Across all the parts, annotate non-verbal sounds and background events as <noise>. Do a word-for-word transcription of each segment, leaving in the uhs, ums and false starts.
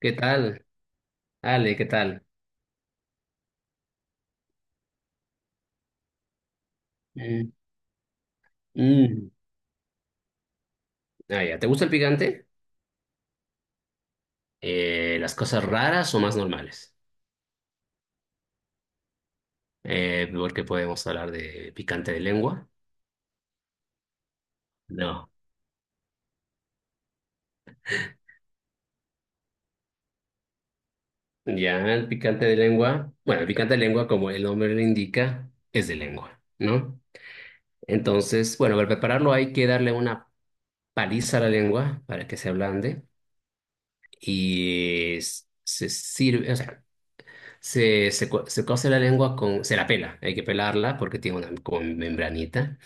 ¿Qué tal? Ale, ¿qué tal? Mm, mm. Ah, ya. ¿Te gusta el picante? Eh, ¿las cosas raras o más normales? Eh, porque podemos hablar de picante de lengua. No. Ya, el picante de lengua. Bueno, el picante de lengua, como el nombre lo indica, es de lengua, ¿no? Entonces, bueno, para prepararlo hay que darle una paliza a la lengua para que se ablande y s- se sirve, o sea, Se, se, co- se cose la lengua con. Se la pela, hay que pelarla porque tiene una como membranita.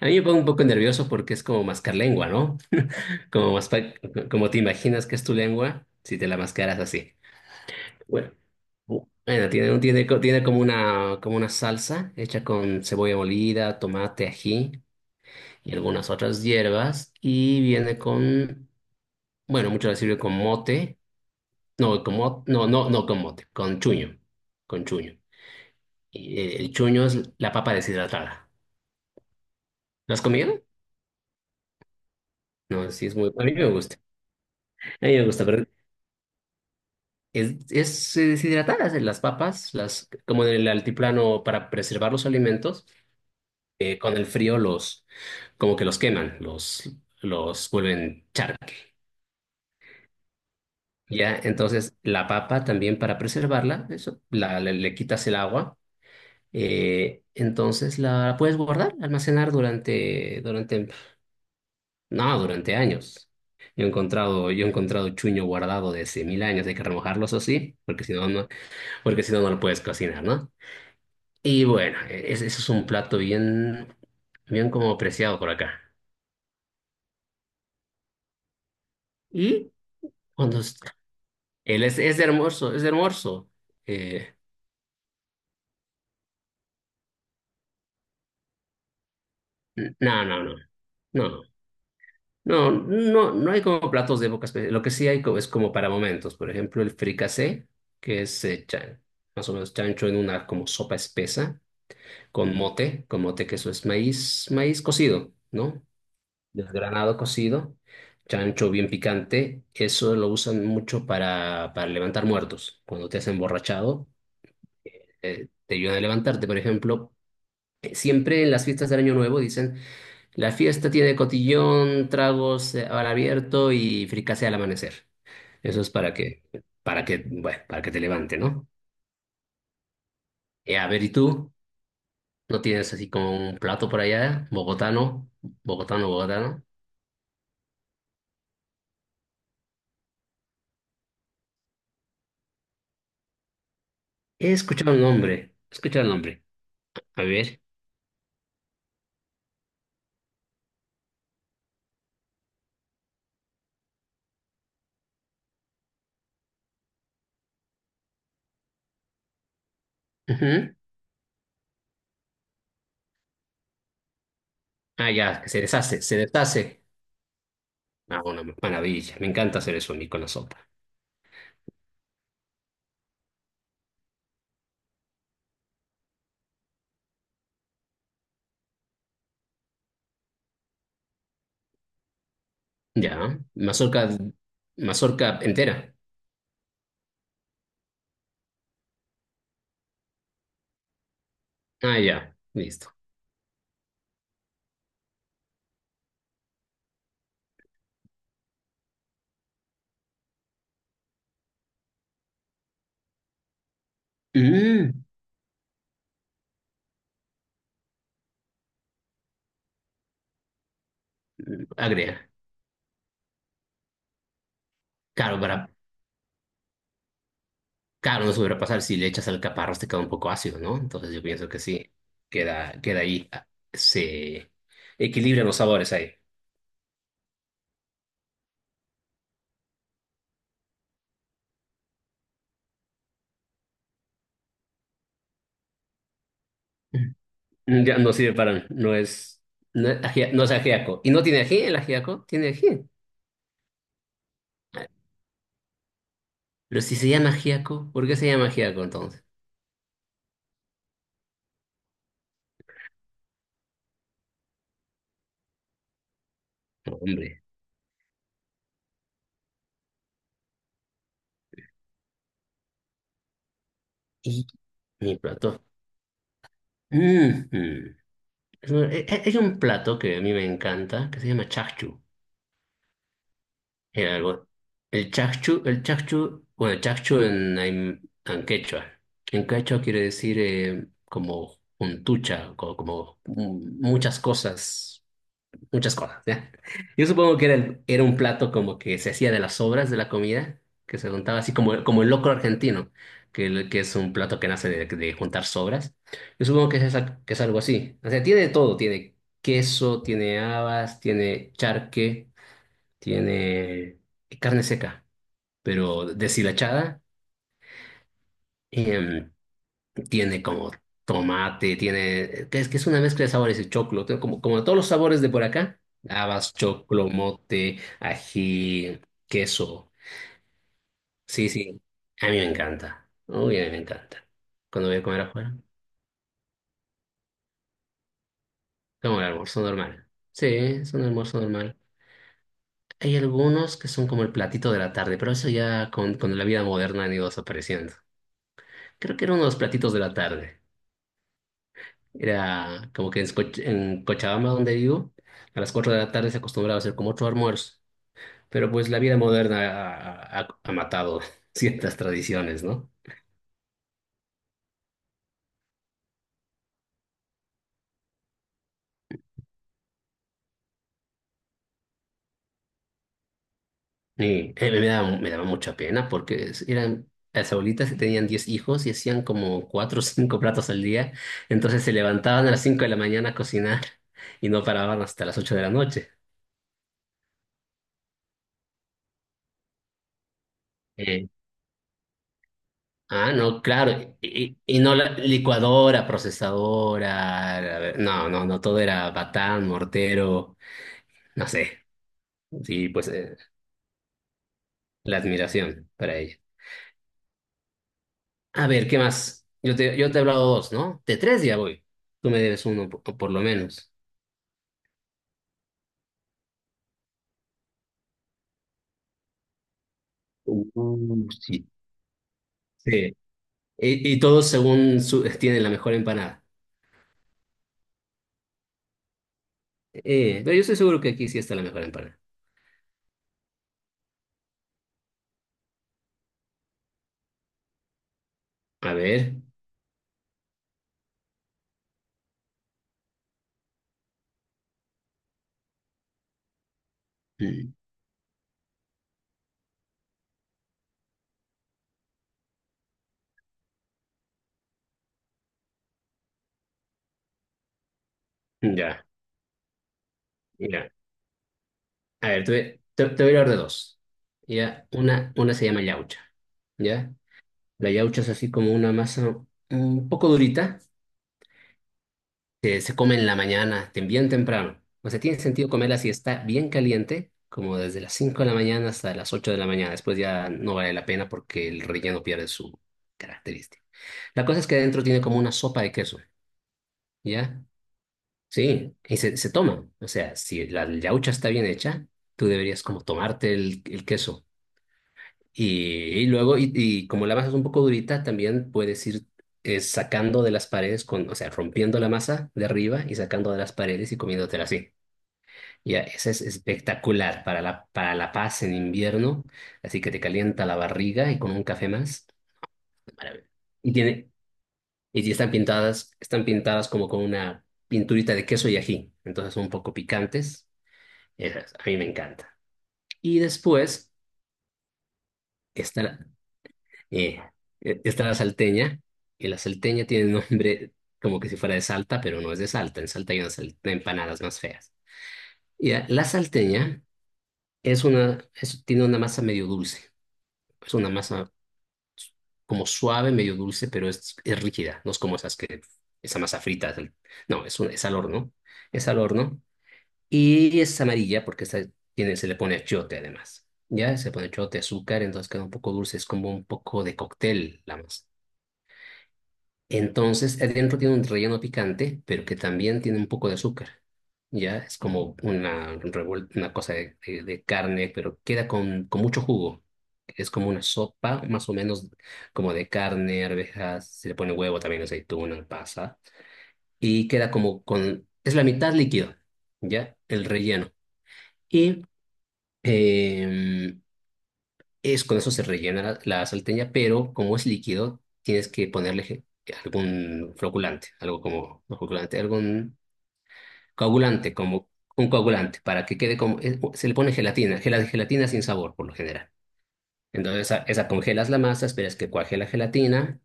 A mí me pongo un poco nervioso porque es como mascar lengua, ¿no? <laughs> Como, maspa- como te imaginas que es tu lengua si te la mascaras así. Bueno, bu- bueno, tiene, tiene, co- tiene como una, como una salsa hecha con cebolla molida, tomate, ají y algunas otras hierbas. Y viene con. Bueno, muchas veces sirve con mote. No, con mo- no, no, no con mote, con chuño. Con chuño. Y, eh, el chuño es la papa deshidratada. ¿Lo has comido? No, sí es muy. A mí me gusta. A mí me gusta, pero es, es eh, deshidratadas eh, las papas, las, como en el altiplano para preservar los alimentos, eh, con el frío los, como que los queman, los, los vuelven charque. Ya, entonces la papa también para preservarla, eso, la, le, le quitas el agua, eh, entonces la puedes guardar, almacenar durante, durante No, durante años. Yo he encontrado, yo he encontrado chuño guardado de hace mil años, hay que remojarlos así, porque si no, no, porque si no, no lo puedes cocinar, ¿no? Y bueno, e- ese ese es un plato bien, bien como apreciado por acá. Y cuando es- Él es, es hermoso, es hermoso. Eh, n- no, no, no, no, no, no, no hay como platos de época espe- Lo que sí hay co- es como para momentos. Por ejemplo, el fricasé, que es eh, chan- más o menos chancho en una como sopa espesa con mote, con mote que eso es maíz, maíz cocido, ¿no? Desgranado cocido, chancho bien picante, eso lo usan mucho para, para levantar muertos. Cuando te has emborrachado, eh, te ayudan a levantarte, por ejemplo. eh, Siempre en las fiestas del Año Nuevo dicen, la fiesta tiene cotillón, tragos eh, al abierto y fricase al amanecer. Eso es para que, para que, bueno, para que te levante, ¿no? Eh, a ver, ¿y tú? ¿No tienes así como un plato por allá, bogotano? Bogotano, bogotano. He escuchado el nombre. He escuchado el nombre. A ver. Ujú. Ah, ya, que se deshace, se deshace. Ah, una maravilla. Me encanta hacer eso a mí con la sopa. Ya. Mazorca, mazorca entera. Ah, ya. Listo. Mm, Agria. Claro, para, claro, no se hubiera pasar si le echas alcaparras te queda un poco ácido, ¿no? Entonces yo pienso que sí. Queda, queda ahí. Ah, Se equilibran los sabores ahí. Mm, Ya no sirve para, no es, no es agia- no es ajiaco. ¿Y no tiene ají el ajiaco? ¿Tiene ají? Pero si se llama Giaco, ¿por qué se llama Giaco entonces? Hombre, y mi plato. Mm, mm. Es un- eh, eh, Hay un plato que a mí me encanta que se llama chakchu. El, algo- el chakchu, el chakchu, bueno, chakchu en, en, en quechua. En quechua quiere decir eh, como juntucha, co- como, mm, muchas cosas muchas cosas, ¿ya? Yo supongo que era, el- era un plato como que se hacía de las sobras de la comida, que se juntaba así como, como el locro argentino, que, el- que es un plato que nace de, de juntar sobras. Yo supongo que es, esa- que es algo así. O sea, tiene de todo, tiene queso, tiene habas, tiene charque, tiene carne seca, pero deshilachada. em, Tiene como tomate, tiene, que es que es una mezcla de sabores de choclo, tiene como, como todos los sabores de por acá, habas, choclo, mote, ají, queso. Sí, sí, a mí me encanta. Uy, a mí me encanta. Cuando voy a comer afuera, como el almuerzo normal. Sí, es un almuerzo normal. Hay algunos que son como el platito de la tarde, pero eso ya con, con la vida moderna han ido desapareciendo. Creo que era uno de los platitos de la tarde. Era como que en, Coch- en Cochabamba, donde vivo, a las cuatro de la tarde se acostumbraba a hacer como otro almuerzo. Pero pues la vida moderna ha, ha- ha matado <laughs> ciertas tradiciones, ¿no? Y eh, me daba, me daba mucha pena porque es- eran las abuelitas que tenían diez hijos y hacían como cuatro o cinco platos al día. Entonces se levantaban a las cinco de la mañana a cocinar y no paraban hasta las ocho de la noche. Eh, Ah, no, claro. Y, y no la licuadora, procesadora. la- ver- No, no, no, todo era batán, mortero, no sé. Sí, pues eh, la admiración para ella. A ver, ¿qué más? Yo te, yo te he hablado dos, ¿no? De tres ya voy. Tú me debes uno po- por, lo menos. Uh, sí. Sí. Y, y todos según su, tienen la mejor empanada. Eh, pero yo estoy seguro que aquí sí está la mejor empanada. A ver. Mm, Ya, ya. A ver, te, voy te- te voy a hablar de dos. ¿Ya? Una, una se llama yaucha. ¿Ya? La yaucha es así como una masa un poco durita. Que se come en la mañana, tem- bien temprano. O sea, tiene sentido comerla si está bien caliente, como desde las cinco de la mañana hasta las ocho de la mañana. Después ya no vale la pena porque el relleno pierde su característica. La cosa es que adentro tiene como una sopa de queso. ¿Ya? Sí, y se, se toma. O sea, si la yaucha está bien hecha, tú deberías como tomarte el el queso. Y, y luego, y, y como la masa es un poco durita, también puedes ir eh, sacando de las paredes, con, o sea, rompiendo la masa de arriba y sacando de las paredes y comiéndotela así. Ya, esa es espectacular para la, para la paz en invierno, así que te calienta la barriga y con un café más, maravilla. Y tiene, y están pintadas, están pintadas como con una pinturita de queso y ají, entonces son un poco picantes. Esas, a mí me encanta. Y después está, Eh, eh, está la salteña, y la salteña tiene nombre como que si fuera de Salta, pero no es de Salta. En Salta hay unas sal- empanadas más feas. Y eh, la salteña es una, es- tiene una masa medio dulce. Es una masa como suave, medio dulce, pero es, es rígida. No es como esas que, esa masa frita. es al- No, es, un- es al horno. Es al horno. Y es amarilla porque esta tiene, se le pone achiote además. Ya se pone achiote, azúcar, entonces queda un poco dulce. Es como un poco de cóctel la masa. Entonces, adentro tiene un relleno picante, pero que también tiene un poco de azúcar. Ya es como una, revuel- una cosa de, de- de carne, pero queda con, con mucho jugo. Es como una sopa, más o menos, como de carne, arvejas, se le pone huevo también, aceituna, pasa. Y queda como con. Es la mitad líquido, ¿ya? El relleno. Y em, es, con eso se rellena la, la salteña, pero como es líquido, tienes que ponerle je- algún floculante, algo como, no floculante, algún coagulante, como un coagulante, para que quede como, es- se le pone gelatina, gela- gelatina sin sabor por lo general. Entonces, esa, esa congelas la masa, esperas que cuaje la gelatina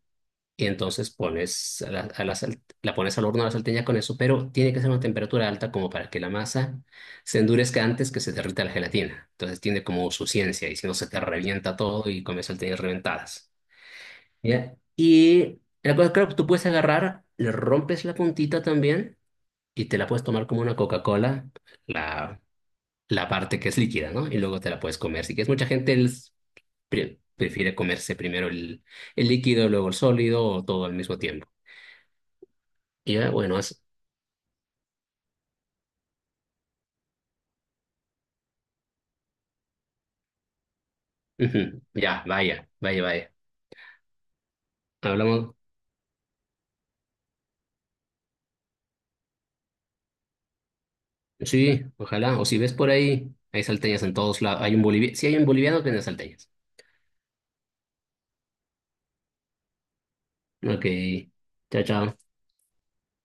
y entonces pones a la, a la sal- la pones al horno a la salteña con eso, pero tiene que ser una temperatura alta como para que la masa se endurezca antes que se derrita la gelatina. Entonces tiene como su ciencia y si no se te revienta todo y comes salteñas reventadas. ¿Ya? Y la cosa, claro, tú puedes agarrar, le rompes la puntita también y te la puedes tomar como una Coca-Cola, la, la parte que es líquida, ¿no? Y luego te la puedes comer. Si quieres, mucha gente el- pre- prefiere comerse primero el, el líquido, luego el sólido o todo al mismo tiempo. Y eh, bueno, es- ujú, ya, vaya, vaya, vaya. Hablamos, sí, ojalá. O si ves por ahí, hay salteñas en todos lados. Hay un boliviano, sí hay un boliviano que vende salteñas. Ok, chao, chao.